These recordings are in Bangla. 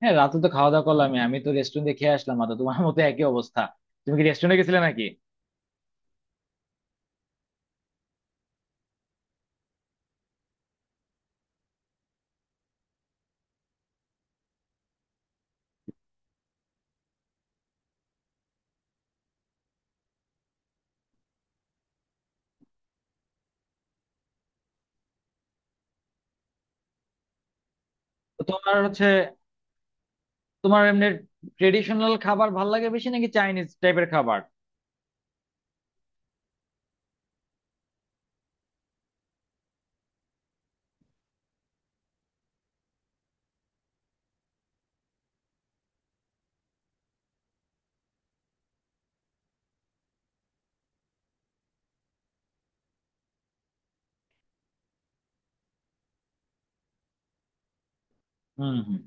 হ্যাঁ, রাতে তো খাওয়া দাওয়া করলাম। আমি আমি তো রেস্টুরেন্টে খেয়ে আসলাম, আর তো তোমার মতো একই অবস্থা। তুমি কি রেস্টুরেন্টে গেছিলে নাকি? তো তোমার হচ্ছে, তোমার এমনি ট্রেডিশনাল খাবার ভাল লাগে বেশি নাকি চাইনিজ টাইপের খাবার? হুম হুম।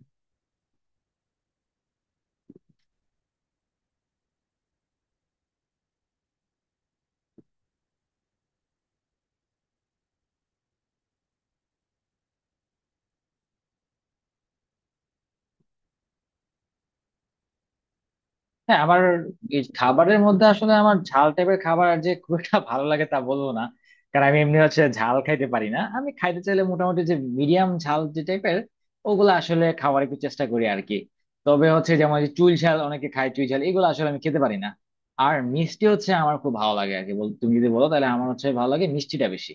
হ্যাঁ, আমার এই খাবারের মধ্যে আসলে আমার ঝাল টাইপের খাবার আর যে খুব একটা ভালো লাগে তা বলবো না। কারণ আমি এমনি হচ্ছে ঝাল খাইতে পারি না, আমি খাইতে চাইলে মোটামুটি যে মিডিয়াম ঝাল যে টাইপের ওগুলো আসলে খাওয়ার একটু চেষ্টা করি আর কি। তবে হচ্ছে, যেমন যে চুই ঝাল অনেকে খায়, চুই ঝাল এগুলো আসলে আমি খেতে পারি না। আর মিষ্টি হচ্ছে আমার খুব ভালো লাগে আর কি। তুমি যদি বলো তাহলে আমার হচ্ছে ভালো লাগে মিষ্টিটা বেশি।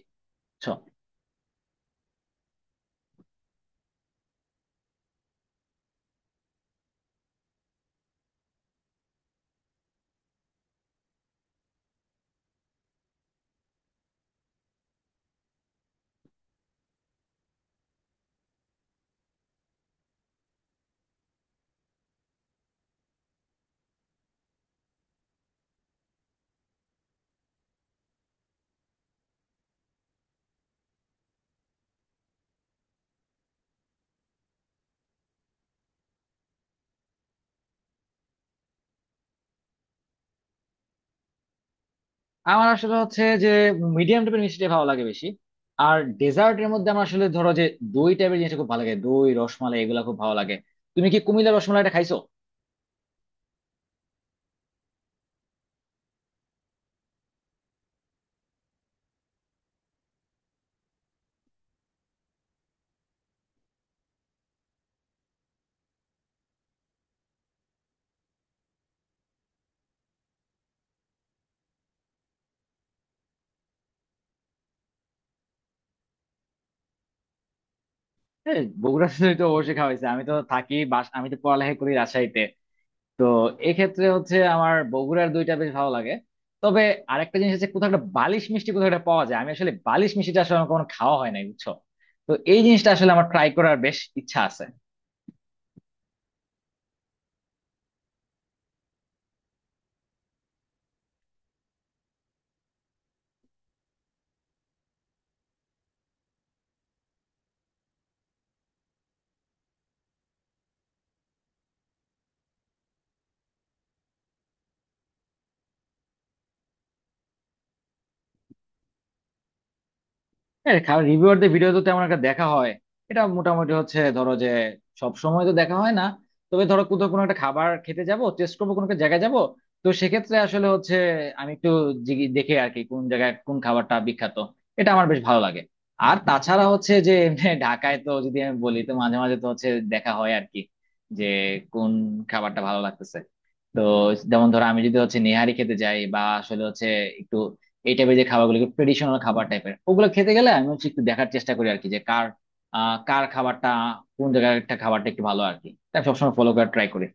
আমার আসলে হচ্ছে যে মিডিয়াম টাইপের মিষ্টিটা ভালো লাগে বেশি। আর ডেজার্টের মধ্যে আমার আসলে ধরো যে দই টাইপের জিনিসটা খুব ভালো লাগে, দই, রসমালাই এগুলা খুব ভালো লাগে। তুমি কি কুমিল্লা রসমালাইটা খাইছো? হ্যাঁ, বগুড়াতে তো অবশ্যই খাওয়াইছে। আমি তো থাকি বাস, আমি তো পড়ালেখা করি রাজশাহীতে। তো এক্ষেত্রে হচ্ছে আমার বগুড়ার দইটা বেশ ভালো লাগে। তবে আরেকটা জিনিস হচ্ছে, কোথাও একটা বালিশ মিষ্টি কোথাও একটা পাওয়া যায়, আমি আসলে বালিশ মিষ্টিটা আসলে আমার কখনো খাওয়া হয় নাই বুঝছো। তো এই জিনিসটা আসলে আমার ট্রাই করার বেশ ইচ্ছা আছে। হ্যাঁ, কারণ রিভিউয়ারদের ভিডিও তো তেমন একটা দেখা হয়। এটা মোটামুটি হচ্ছে ধরো যে সব সময় তো দেখা হয় না। তবে ধরো কোথাও কোনো একটা খাবার খেতে যাব, টেস্ট করবো কোনো একটা জায়গায় যাব, তো সেক্ষেত্রে আসলে হচ্ছে আমি একটু দেখে আর কি কোন জায়গায় কোন খাবারটা বিখ্যাত, এটা আমার বেশ ভালো লাগে। আর তাছাড়া হচ্ছে যে, এমনি ঢাকায় তো, যদি আমি বলি, তো মাঝে মাঝে তো হচ্ছে দেখা হয় আর কি, যে কোন খাবারটা ভালো লাগতেছে। তো যেমন ধরো আমি যদি হচ্ছে নেহারি খেতে যাই বা আসলে হচ্ছে এই টাইপের যে খাবারগুলো ট্রেডিশনাল খাবার টাইপের, ওগুলো খেতে গেলে আমি হচ্ছে একটু দেখার চেষ্টা করি আর কি, যে কার, কার খাবারটা, কোন জায়গার একটা খাবারটা একটু ভালো আর কি, তাই আমি সবসময় ফলো করার ট্রাই করি।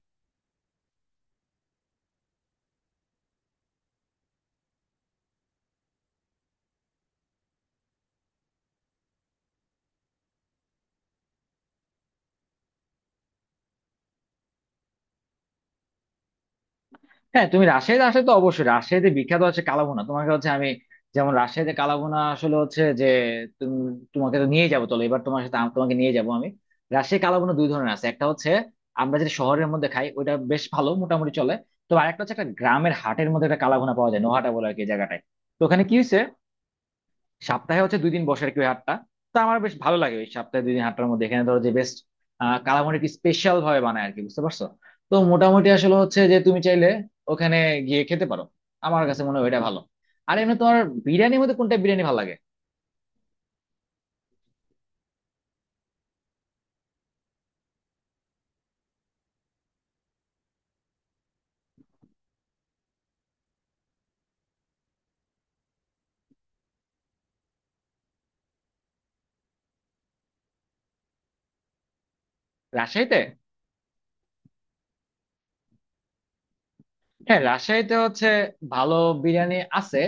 হ্যাঁ, তুমি রাজশাহীতে আসলে তো অবশ্যই, রাজশাহীতে বিখ্যাত হচ্ছে কালাভুনা। তোমাকে হচ্ছে আমি, যেমন রাজশাহীতে কালাভুনা আসলে হচ্ছে যে, তুমি, তোমাকে তো নিয়ে যাবো, চলো এবার তোমার সাথে তোমাকে নিয়ে যাবো আমি। রাজশাহী কালাভুনা দুই ধরনের আছে, একটা হচ্ছে আমরা যেটা শহরের মধ্যে খাই ওটা বেশ ভালো, মোটামুটি চলে। তো আরেকটা হচ্ছে একটা গ্রামের হাটের মধ্যে একটা কালাভুনা পাওয়া যায়, নোহাটা বলে আর কি জায়গাটায়। তো ওখানে কি হয়েছে, সপ্তাহে হচ্ছে দুই দিন বসে আর কি ওই হাটটা। তো আমার বেশ ভালো লাগে ওই সপ্তাহে দুই দিন হাটটার মধ্যে, এখানে ধরো যে বেস্ট কালামানির স্পেশাল ভাবে বানায় আর কি, বুঝতে পারছো? তো মোটামুটি আসলে হচ্ছে যে তুমি চাইলে ওখানে গিয়ে খেতে পারো, আমার কাছে মনে হয় ওইটা ভালো। আর এমনি তোমার বিরিয়ানির মধ্যে কোনটা বিরিয়ানি ভালো লাগে? রাজশাহীতে? হ্যাঁ, রাজশাহীতে হচ্ছে ভালো বিরিয়ানি আছে,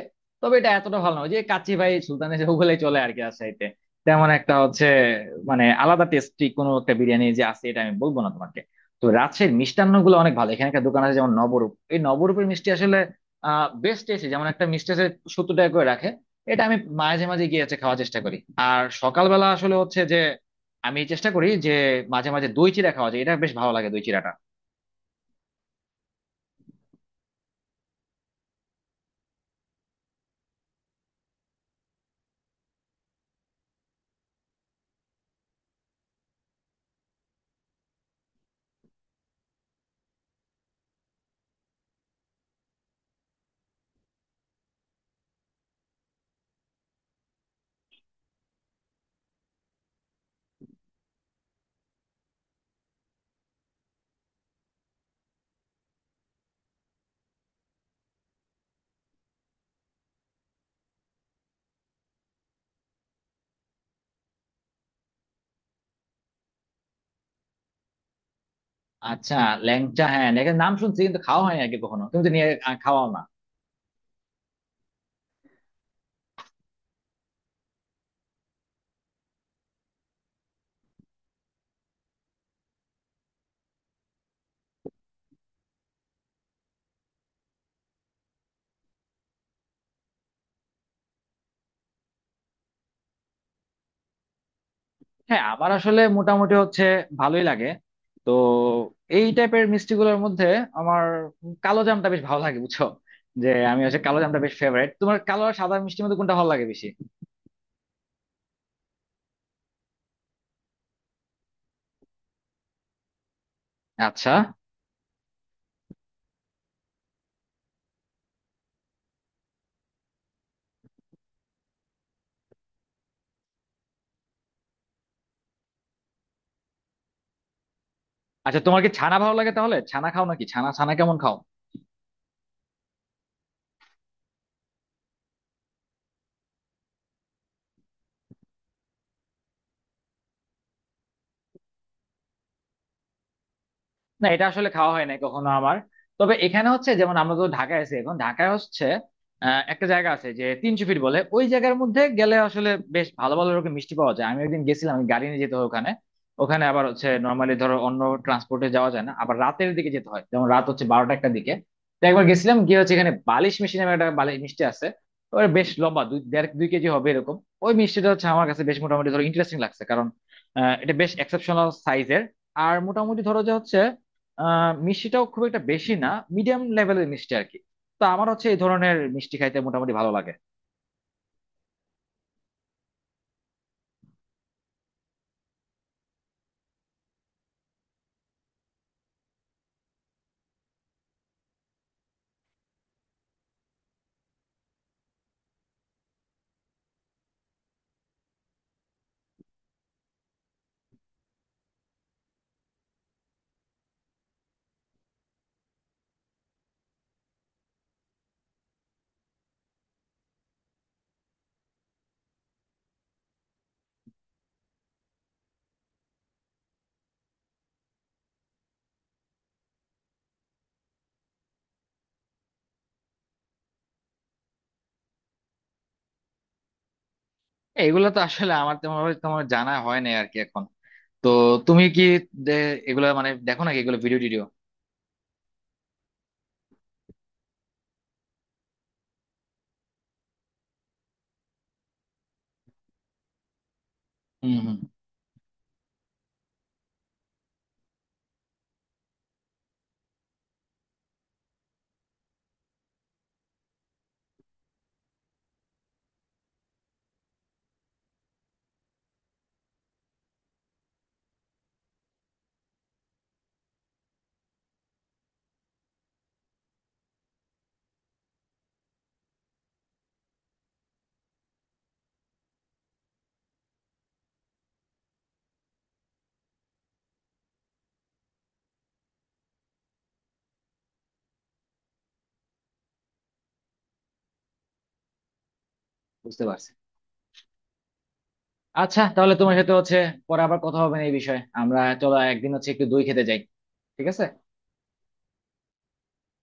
তবে এটা এতটা ভালো না। ওই যে কাচ্চি ভাই সুলতানি, যে ওগুলাই চলে আর কি রাজশাহীতে, তেমন একটা হচ্ছে, মানে আলাদা টেস্টি কোনো একটা বিরিয়ানি যে আছে এটা আমি বলবো না তোমাকে। তো রাজশাহীর মিষ্টান্ন গুলো অনেক ভালো, এখানে একটা দোকান আছে যেমন নবরূপ, এই নবরূপের মিষ্টি আসলে বেস্ট টেস্টি। যেমন একটা মিষ্টি আছে 70 টাকা করে রাখে, এটা আমি মাঝে মাঝে গিয়ে হচ্ছে খাওয়ার চেষ্টা করি। আর সকালবেলা আসলে হচ্ছে যে আমি চেষ্টা করি যে মাঝে মাঝে দই চিড়া খাওয়া যায়, এটা বেশ ভালো লাগে দই চিড়া। আচ্ছা, ল্যাংচা, হ্যাঁ ল্যাংচার নাম শুনছি কিন্তু খাওয়া হয়নি আর কি কখনো, তুমি তো নিয়ে খাওয়াও না। হ্যাঁ, আমার আসলে মোটামুটি হচ্ছে ভালোই লাগে। তো এই টাইপের মিষ্টি গুলোর মধ্যে আমার কালো জামটা বেশ ভালো লাগে বুঝছো, যে আমি হচ্ছে কালো জামটা বেশ ফেভারিট। তোমার কালো আর সাদা মিষ্টির মধ্যে কোনটা ভালো লাগে বেশি? আচ্ছা আচ্ছা, তোমার কি ছানা ভালো লাগে? তাহলে ছানা খাও নাকি, ছানা ছানা কেমন খাও? না, এটা আসলে খাওয়া হয় নাই কখনো আমার। তবে এখানে হচ্ছে, যেমন আমরা তো ঢাকায় আছি এখন, ঢাকায় হচ্ছে একটা জায়গা আছে যে 300 ফিট বলে, ওই জায়গার মধ্যে গেলে আসলে বেশ ভালো ভালো রকম মিষ্টি পাওয়া যায়। আমি একদিন গেছিলাম, আমি গাড়ি নিয়ে যেতে হয় ওখানে। ওখানে আবার হচ্ছে নর্মালি ধরো অন্য ট্রান্সপোর্টে যাওয়া যায় না, আবার রাতের দিকে যেতে হয়, যেমন রাত হচ্ছে 12টা 1টা দিকে। তো একবার গেছিলাম গিয়ে হচ্ছে, এখানে বালিশ মিষ্টি নামে একটা বালিশ মিষ্টি আছে, ওর বেশ লম্বা, 2 দেড় 2 কেজি হবে এরকম। ওই মিষ্টিটা হচ্ছে আমার কাছে বেশ মোটামুটি ধরো ইন্টারেস্টিং লাগছে, কারণ এটা বেশ এক্সেপশনাল সাইজের। আর মোটামুটি ধরো যে হচ্ছে মিষ্টিটাও খুব একটা বেশি না, মিডিয়াম লেভেলের মিষ্টি আর কি। তো আমার হচ্ছে এই ধরনের মিষ্টি খাইতে মোটামুটি ভালো লাগে। এগুলো তো আসলে আমার তেমন ভাবে তোমার জানা হয় না আর কি এখন। তো তুমি কি দে- এগুলো মানে দেখো নাকি এগুলো ভিডিও টিডিও? হম হম। বুঝতে পারছি। আচ্ছা, তাহলে তোমার সাথে হচ্ছে পরে আবার কথা হবে না এই বিষয়ে, আমরা চলো একদিন হচ্ছে একটু দই খেতে যাই, ঠিক আছে?